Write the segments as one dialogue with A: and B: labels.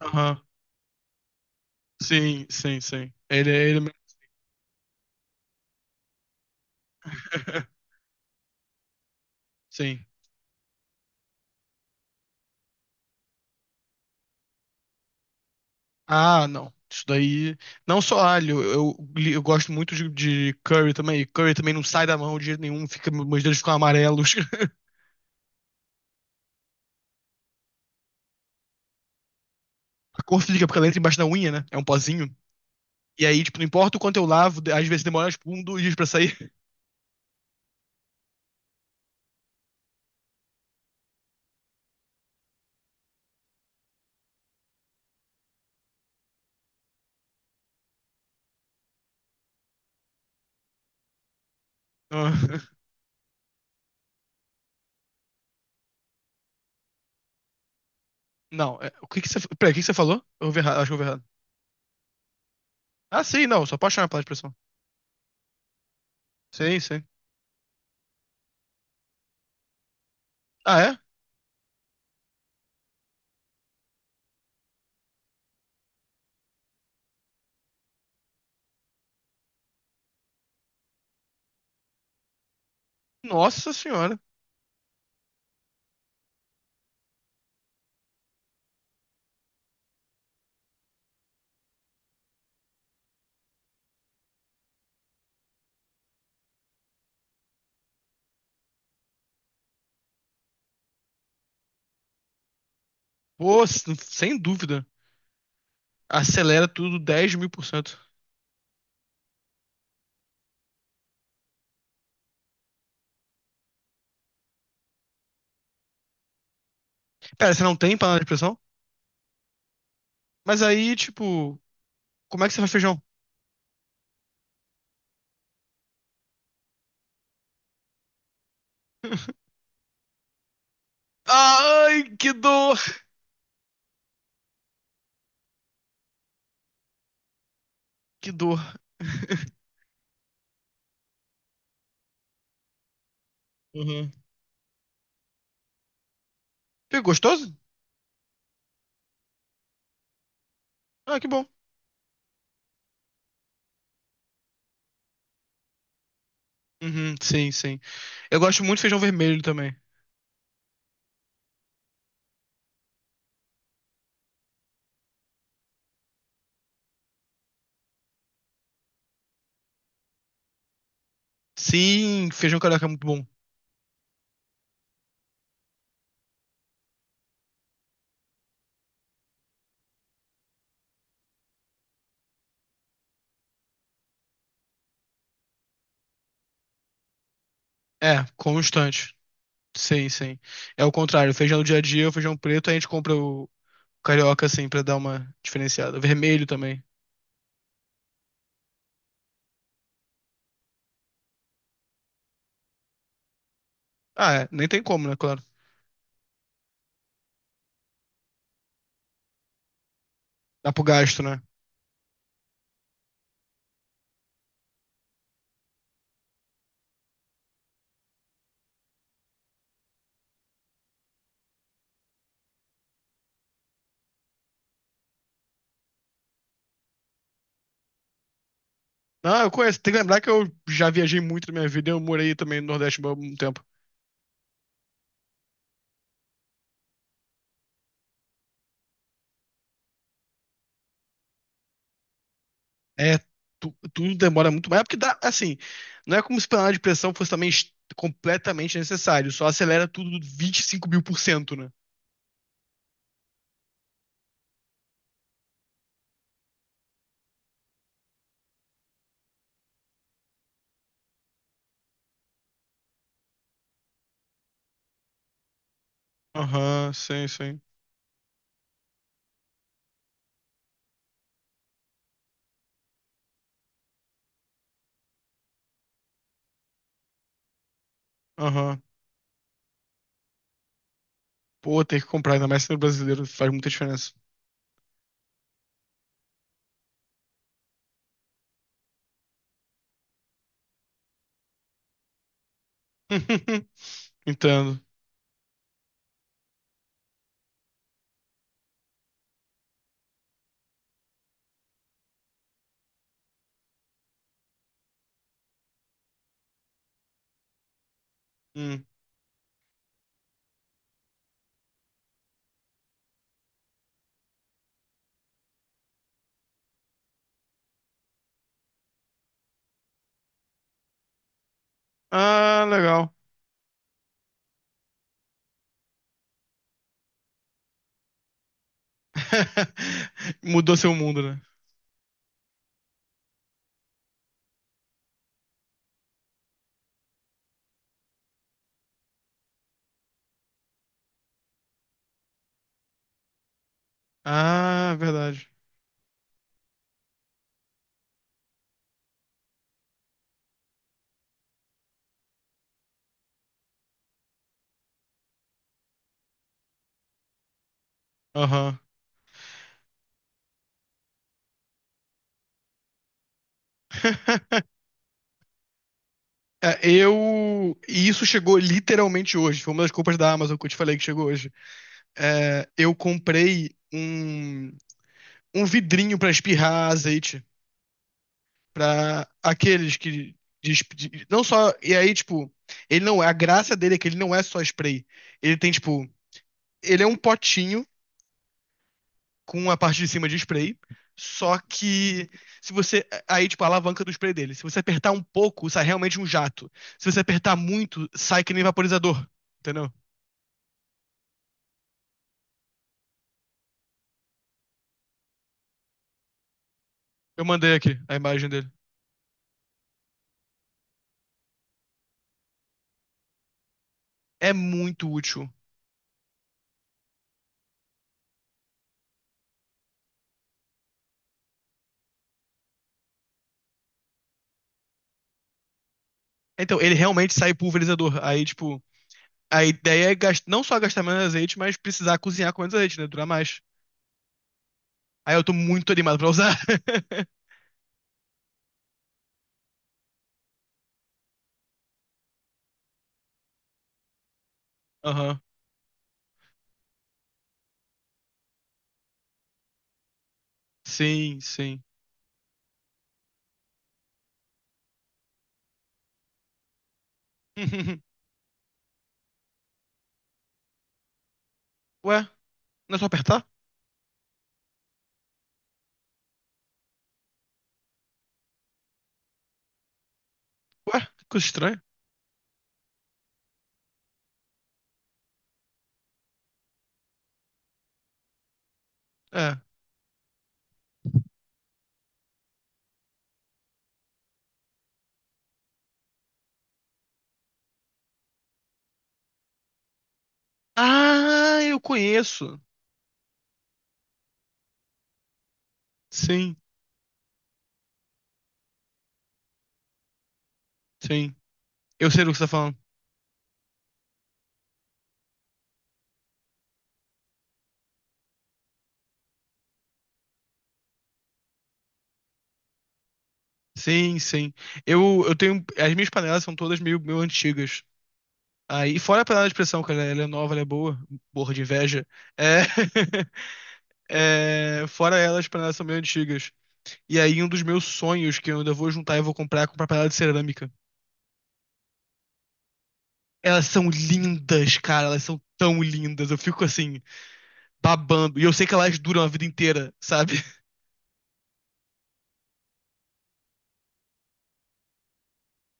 A: Aham. Sim, sim, sim. Ele, é ele... mesmo. Sim. Ah, não. Isso daí. Não só alho, eu, eu gosto muito de, curry também. E curry também não sai da mão de jeito nenhum, fica, meus dedos ficam amarelos. A cor fica porque ela entra embaixo da unha, né? É um pozinho. E aí, tipo, não importa o quanto eu lavo, às vezes demora, tipo, um, dois dias pra sair. Ah, não, é, o que que você. Peraí, o que que você falou? Eu ouvi errado, acho que eu ouvi errado. Ah, sim, não, só sou apaixonado pela expressão. Sim, sim. Ah, é? Nossa senhora. Pô, sem dúvida. Acelera tudo 10.000 por cento. Pera, você não tem panela de pressão? Mas aí, tipo, como é que você faz feijão? Ai, que dor! Que dor. Uhum. Ficou gostoso? Ah, que bom. Uhum, sim, sim. Eu gosto muito de feijão vermelho também. Sim, feijão carioca é muito bom. É, constante. Sim, sim. É o contrário. Feijão do dia a dia, o feijão preto, a gente compra o carioca, assim, pra dar uma diferenciada. Vermelho também. Ah, é. Nem tem como, né? Claro. Dá pro gasto, né? Não, eu conheço. Tem que lembrar que eu já viajei muito na minha vida. Eu morei também no Nordeste por um tempo. É, tudo demora muito mais. É porque dá, assim, não é como se panela de pressão fosse também completamente necessário. Só acelera tudo 25.000 por cento, né? Aham, sim, sim. Aham. Pô, tem que comprar, ainda mais sendo brasileiro, faz muita diferença. Entendo. Hum. Ah, legal. Mudou seu mundo, né? Ah, verdade. Aham. É, eu. E isso chegou literalmente hoje. Foi uma das compras da Amazon que eu te falei que chegou hoje. É, eu comprei um, um vidrinho pra espirrar azeite pra aqueles que. De não só. E aí, tipo, ele não. É, a graça dele é que ele não é só spray. Ele tem, tipo. Ele é um potinho com a parte de cima de spray. Só que. Se você. Aí, tipo, a alavanca do spray dele. Se você apertar um pouco, sai realmente um jato. Se você apertar muito, sai que nem vaporizador. Entendeu? Eu mandei aqui a imagem dele. É muito útil. Então, ele realmente sai pulverizador. Aí, tipo, a ideia é não só gastar menos azeite, mas precisar cozinhar com menos azeite, né? Durar mais. Aí eu tô muito animado pra usar. Aham. Sim, sim. Ué, não é só apertar? Ué, que coisa estranha. É. Ah, eu conheço. Sim, sim. Eu sei do que você tá falando. Sim, sim. Eu tenho. As minhas panelas são todas meio, meio antigas. Aí, fora a panela de pressão, cara, ela é nova, ela é boa, morro de inveja. É, é, fora ela, as panelas são meio antigas. E aí, um dos meus sonhos que eu ainda vou juntar e vou comprar é comprar panela de cerâmica. Elas são lindas, cara, elas são tão lindas. Eu fico assim, babando. E eu sei que elas duram a vida inteira, sabe?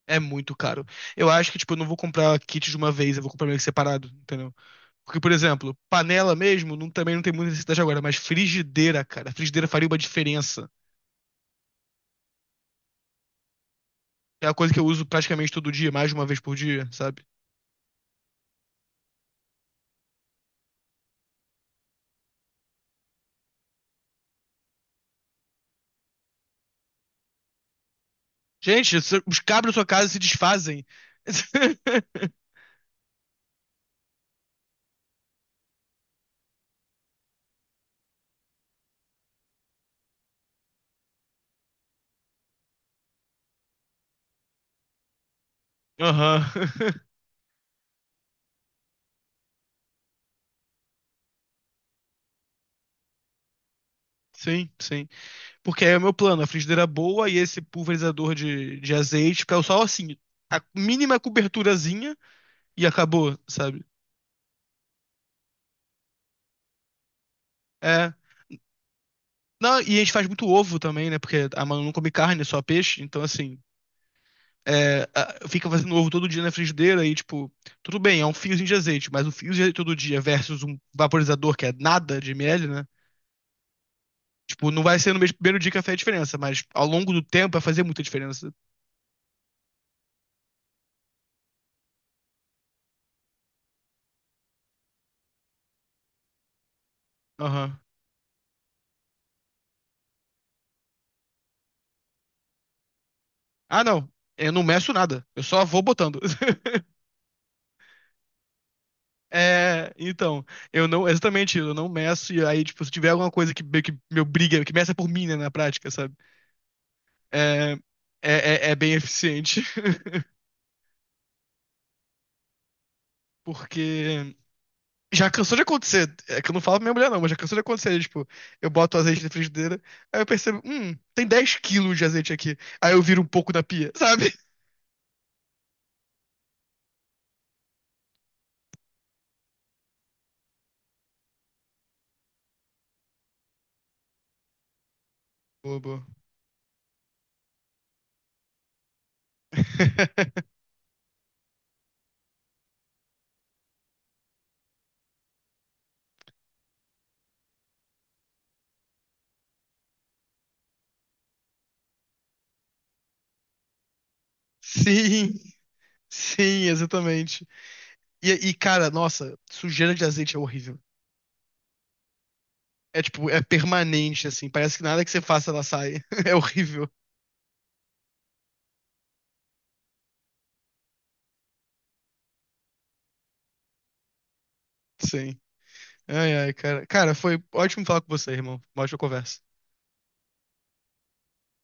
A: É muito caro. Eu acho que, tipo, eu não vou comprar kit de uma vez, eu vou comprar meio que separado, entendeu? Porque, por exemplo, panela mesmo não- também não tem muita necessidade agora, mas frigideira, cara, frigideira faria uma diferença. É uma coisa que eu uso praticamente todo dia, mais de uma vez por dia, sabe? Gente, os cabos da sua casa se desfazem. Aham. Sim, sim. Porque aí é o meu plano, a frigideira boa e esse pulverizador de, azeite, que é só assim, a mínima coberturazinha e acabou, sabe? É. Não, e a gente faz muito ovo também, né? Porque a Manu não come carne, só peixe, então assim, é, a- fica fazendo ovo todo dia na frigideira e, tipo, tudo bem, é um fiozinho de azeite, mas um fio de azeite todo dia versus um vaporizador que é nada de ml, né? Tipo, não vai ser no mesmo primeiro dia que vai fazer a diferença, mas ao longo do tempo vai fazer muita diferença. Aham. Ah, não. Eu não meço nada. Eu só vou botando. É, então, eu não, exatamente, eu não meço, e aí, tipo, se tiver alguma coisa que, meio que me obriga, que meça por mim, né, na prática, sabe? É, é, é bem eficiente, porque já cansou de acontecer. É que eu não falo pra minha mulher, não, mas já cansou de acontecer. Tipo, eu boto o azeite na frigideira, aí eu percebo, tem 10 quilos de azeite aqui. Aí eu viro um pouco da pia, sabe? Bobo. Sim, sim, exatamente. E, cara, nossa, sujeira de azeite é horrível. É tipo, é permanente, assim. Parece que nada que você faça ela sai. É horrível. Sim. Ai, ai, cara. Cara, foi ótimo falar com você, irmão. Uma ótima conversa.